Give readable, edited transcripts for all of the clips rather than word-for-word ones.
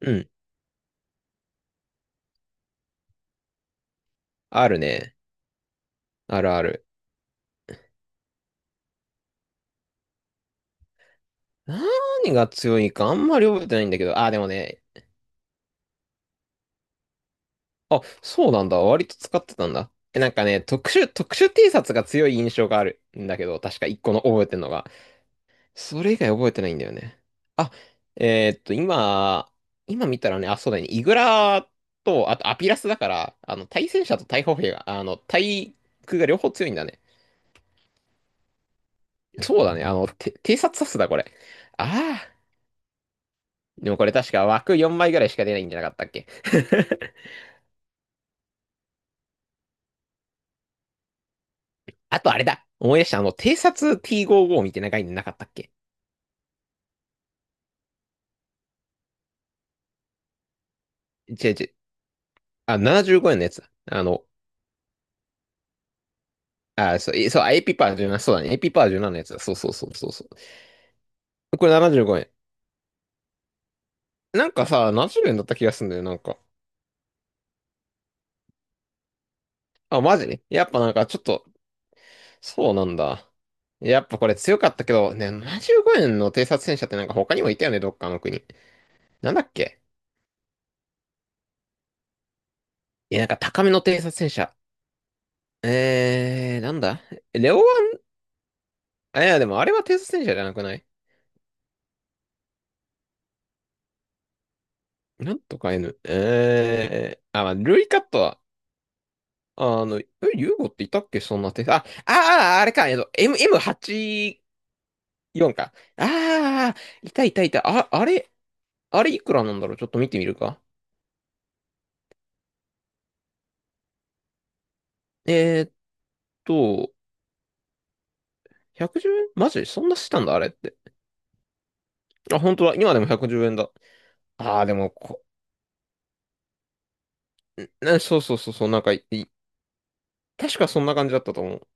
うん。あるね。あるある。何が強いかあんまり覚えてないんだけど。あ、でもね。あ、そうなんだ。割と使ってたんだ。え、なんかね、特殊 T シャツが強い印象があるんだけど、確か一個の覚えてんのが。それ以外覚えてないんだよね。あ、えーっと、今、今見たらね、あ、そうだね。イグラと、あとアピラスだから、あの、対戦車と対砲兵が、あの、対空が両方強いんだね。そうだね。あの、偵察さすだ、これ。ああ。でもこれ確か枠4枚ぐらいしか出ないんじゃなかったっけ？ あとあれだ。思い出した。あの、偵察 T55 みたいな概念なかったっけ？違う違う。あ、75円のやつだ。あの、あ、そう、そう、エピパー17、そうだね。エピパー17のやつだ。そうそうそうそうそう。これ75円。なんかさ、70円だった気がするんだよ、なんか。あ、マジでやっぱなんかちょっと、そうなんだ。やっぱこれ強かったけど、ね、75円の偵察戦車ってなんか他にもいたよね、どっかの国。なんだっけ？いや、なんか高めの偵察戦車。なんだ？レオ、あいや、でもあれはテスト戦車じゃなくない？なんとか N。あ、まあ、ルイカットは、あの、え、ユーゴっていたっけ？そんなテスト。あ、ああ、あれか、M84 か。ああ、いたいたいた。あ、あれいくらなんだろうちょっと見てみるか。えーっと、110円マジそんなしたんだ、あれって。あ、本当だ。今でも110円だ。ああ、でもんな、そうそうそうそう、なんかい、い確かそんな感じだったと思う。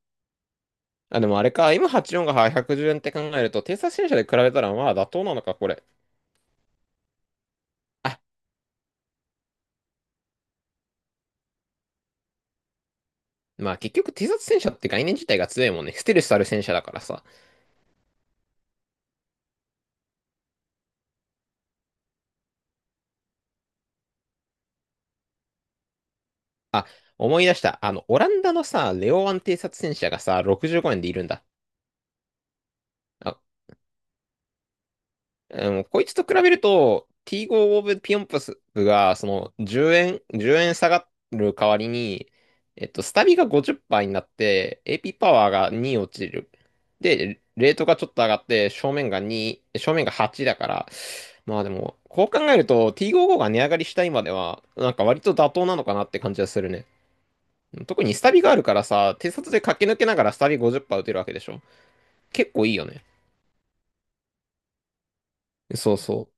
あ、でもあれか、今84が110円って考えると、偵察戦車で比べたらまあ妥当なのか、これ。あ、まあ結局偵察戦車って概念自体が強いもんね。ステルスある戦車だからさ。あ、思い出した。あの、オランダのさ、レオワン偵察戦車がさ、65円でいるんだ。あ、もうこいつと比べると、T5 オブピヨンプスが、その、10円、10円下がる代わりに、スタビが50%になって、AP パワーが2落ちる。で、レートがちょっと上がって、正面が2、正面が8だから、まあでも、こう考えると T55 が値上がりした今では、なんか割と妥当なのかなって感じがするね。特にスタビがあるからさ、偵察で駆け抜けながらスタビ50%打てるわけでしょ。結構いいよね。そうそ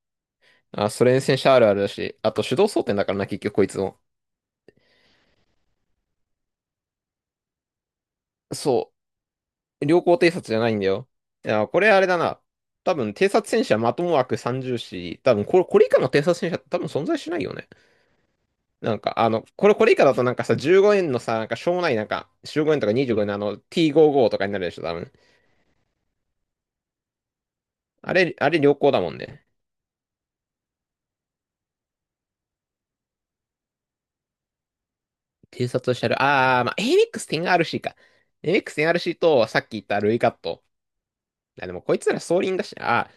う。あ、ソ連戦車あるあるだし、あと手動装填だからな、結局こいつも。そう。良好偵察じゃないんだよ。いや、これあれだな。多分、偵察戦車まとも枠30し、多分これ、これ以下の偵察戦車って多分存在しないよね。なんか、あの、これ、これ以下だとなんかさ、15円のさ、なんかしょうもないなんか、15円とか25円のあの、T55 とかになるでしょ、多分。あれ良好だもんね。偵察車両、まあ、AMX10RC か。AMX10RC と、さっき言ったルイカット。あ、でもこいつら装輪だし、あ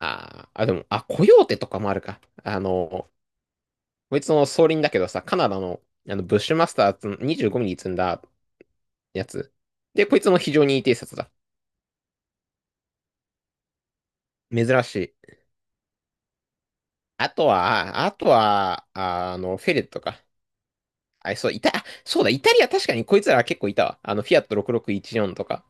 あーあ、でも、あ、コヨーテとかもあるか。あの、こいつの総輪だけどさ、カナダの、あのブッシュマスターズの25ミリ積んだやつ。で、こいつも非常にいい偵察だ。珍しい。あとは、フェレットか。あ、そう、あそうだ、イタリア確かにこいつら結構いたわ。あの、フィアット6614とか。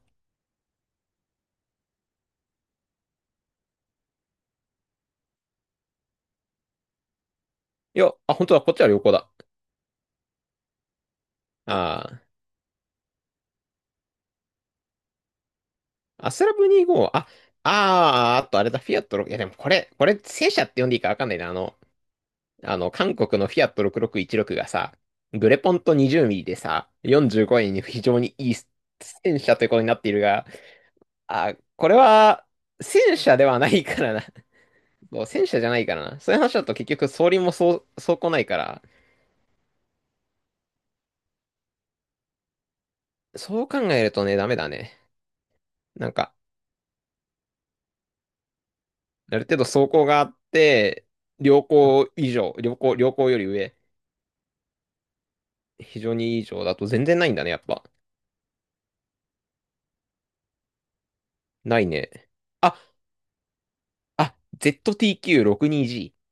いや、あ、本当だ、こっちは旅行だ。ああ、アスラブ25、あ、ああ、あとあれだ、フィアット6、いやでもこれ、これ、戦車って呼んでいいかわかんないな。あの、あの、韓国のフィアット6616がさ、グレポンと20ミリでさ、45円に非常にいい戦車ということになっているが、あ、これは戦車ではないからな。そう戦車じゃないからな。そういう話だと結局装輪もそう、装甲ないから、そう考えるとね、ダメだね。なんか、ある程度装甲があって、良好以上、良好より上、非常にいい以上だと全然ないんだね、やっぱ。ないね。あ、あ、ZTQ62G。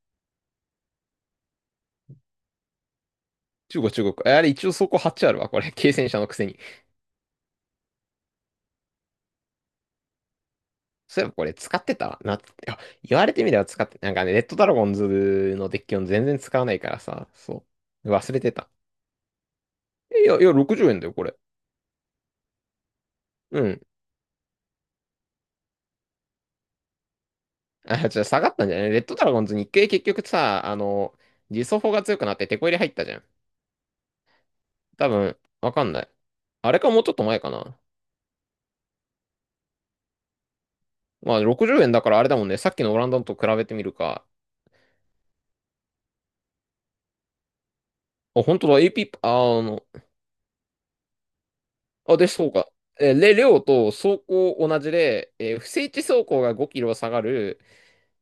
中国、中国。あれ、一応走っ8あるわ、これ。軽戦車のくせに。そういえばこれ、使ってたなって。あ言われてみれば使って、なんかね、レッドドラゴンズのデッキを全然使わないからさ、そう。忘れてた。いや、いや、60円だよ、これ。うん。あ、じゃ下がったんじゃない？レッドドラゴンズ日経結局さ、あの、自走砲が強くなってテこ入れ入ったじゃん。多分、わかんない。あれかもうちょっと前かな。まあ、60円だからあれだもんね。さっきのオランダのと比べてみるか。あ、本当だ、AP、あ、で、そうか。で、量と走行同じで、不整地走行が5キロ下がる、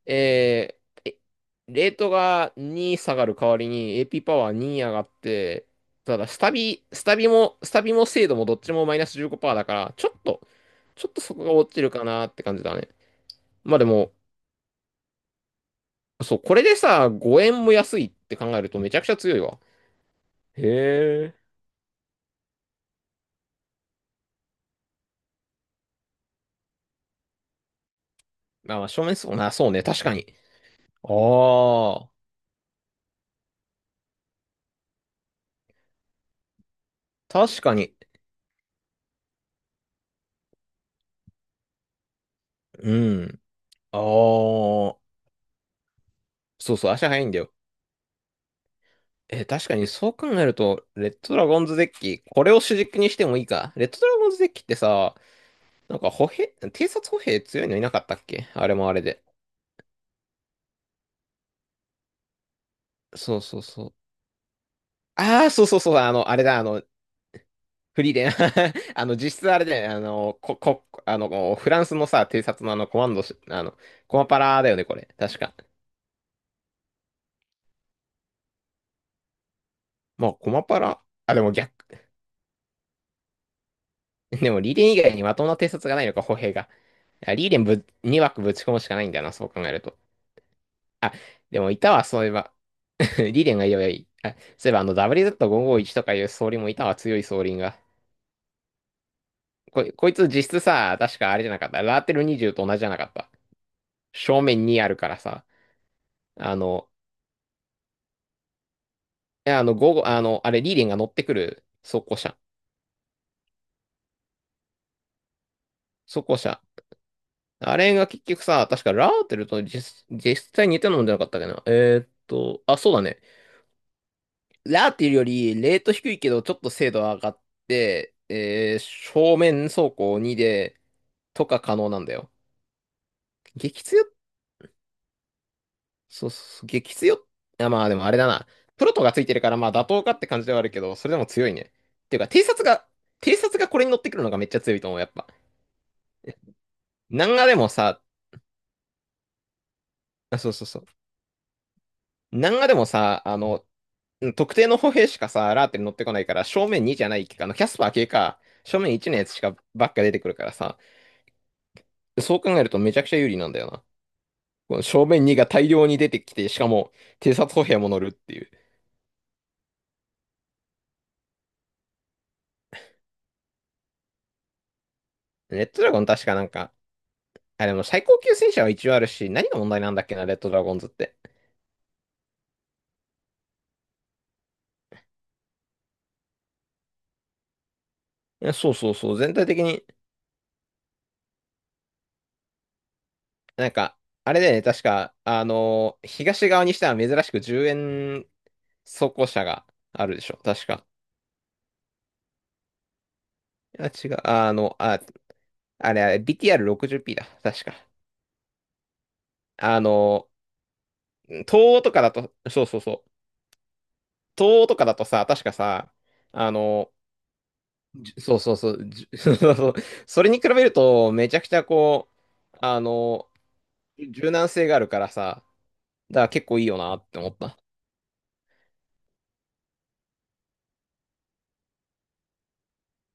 えーえレートが2下がる代わりに AP パワー2上がって、ただ、スタビも精度もどっちもマイナス15%だから、ちょっとそこが落ちるかなって感じだね。まあでも、そう、これでさ、5円も安いって考えるとめちゃくちゃ強いわ。へえ。まあ、まあ正面そうな、そうね、確かに。ああ、確かに。うん。ああ、そうそう、足早いんだよ。確かにそう考えると、レッドドラゴンズデッキ、これを主軸にしてもいいか。レッドドラゴンズデッキってさ、なんか偵察歩兵強いのいなかったっけ？あれもあれで。そうそうそう。ああ、そうそうそう、あの、あれだ、あの、フリーレン。あの、実質あれだよね、あの、あの、フランスのさ、偵察のあの、コマンドし、あの、コマパラだよね、これ。確か。まあ、コマパラ。あ、でも逆 でも、リーデン以外にまともな偵察がないのか、歩兵が。いやリーデンぶ、2枠ぶち込むしかないんだよな、そう考えると。あ、でも、いたわ、そういえば。リーデンがいればいい。あ、そういえば、あの、WZ551 とかいう総輪もいたわ、強い総輪が。こいつ実質さ、確かあれじゃなかった？ラーテル20と同じじゃなかった？正面にあるからさ。あの、いやあの、午後、あの、あれ、リーデンが乗ってくる装甲車。装甲車。あれが結局さ、確かラーテルと実際似てるのじゃなかったっけど、あ、そうだね。ラーっていうより、レート低いけど、ちょっと精度は上がって、正面走行2で、とか可能なんだよ。激強、そうそう、激強。あ、まあでもあれだな。プロトがついてるから、まあ妥当かって感じではあるけど、それでも強いね。っていうか、偵察がこれに乗ってくるのがめっちゃ強いと思う、やっぱ。南ガでもさ、あ、そうそうそう。南ガでもさ、あの、うん特定の歩兵しかさ、ラーテに乗ってこないから、正面2じゃないか、あの、キャスパー系か、正面1のやつしかばっか出てくるからさ、そう考えるとめちゃくちゃ有利なんだよな。この正面2が大量に出てきて、しかも偵察歩兵も乗るっていう。レッドドラゴン確かなんか、あ、でも最高級戦車は一応あるし、何が問題なんだっけな、レッドドラゴンズって。いやそうそうそう、全体的に、なんか、あれだよね、確か、東側にしては珍しく10円装甲車があるでしょ、確か。いや、違う、あの、あ、あれ BTR60P だ、確か。あの東欧とかだと、そうそうそう、東欧とかだとさ、確かさ、あのそうそうそう。それに比べると、めちゃくちゃこう、あの、柔軟性があるからさ、だから結構いいよなって思った。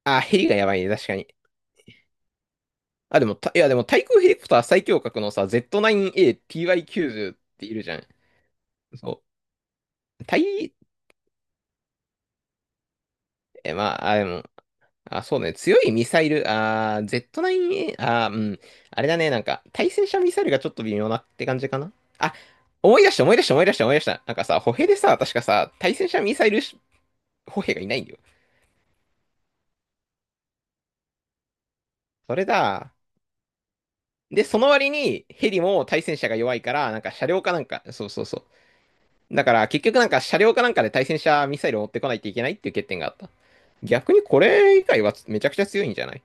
あ、ヘリがやばいね、確かに。あ、でも、たいや、でも、対空ヘリコプター最強格のさ、Z9ATY90 っているじゃん。そう。え、まあ、あ、でも、あ、そうね、強いミサイル、Z9A、うん、あれだね、なんか、対戦車ミサイルがちょっと微妙なって感じかな。あ、思い出した、思い出した、思い出した、思い出した。なんかさ、歩兵でさ、確かさ、対戦車ミサイル歩兵がいないんだよ。それだ。で、その割にヘリも対戦車が弱いから、なんか車両かなんか、そうそうそう。だから結局なんか車両かなんかで対戦車ミサイルを持ってこないといけないっていう欠点があった。逆にこれ以外はめちゃくちゃ強いんじゃない？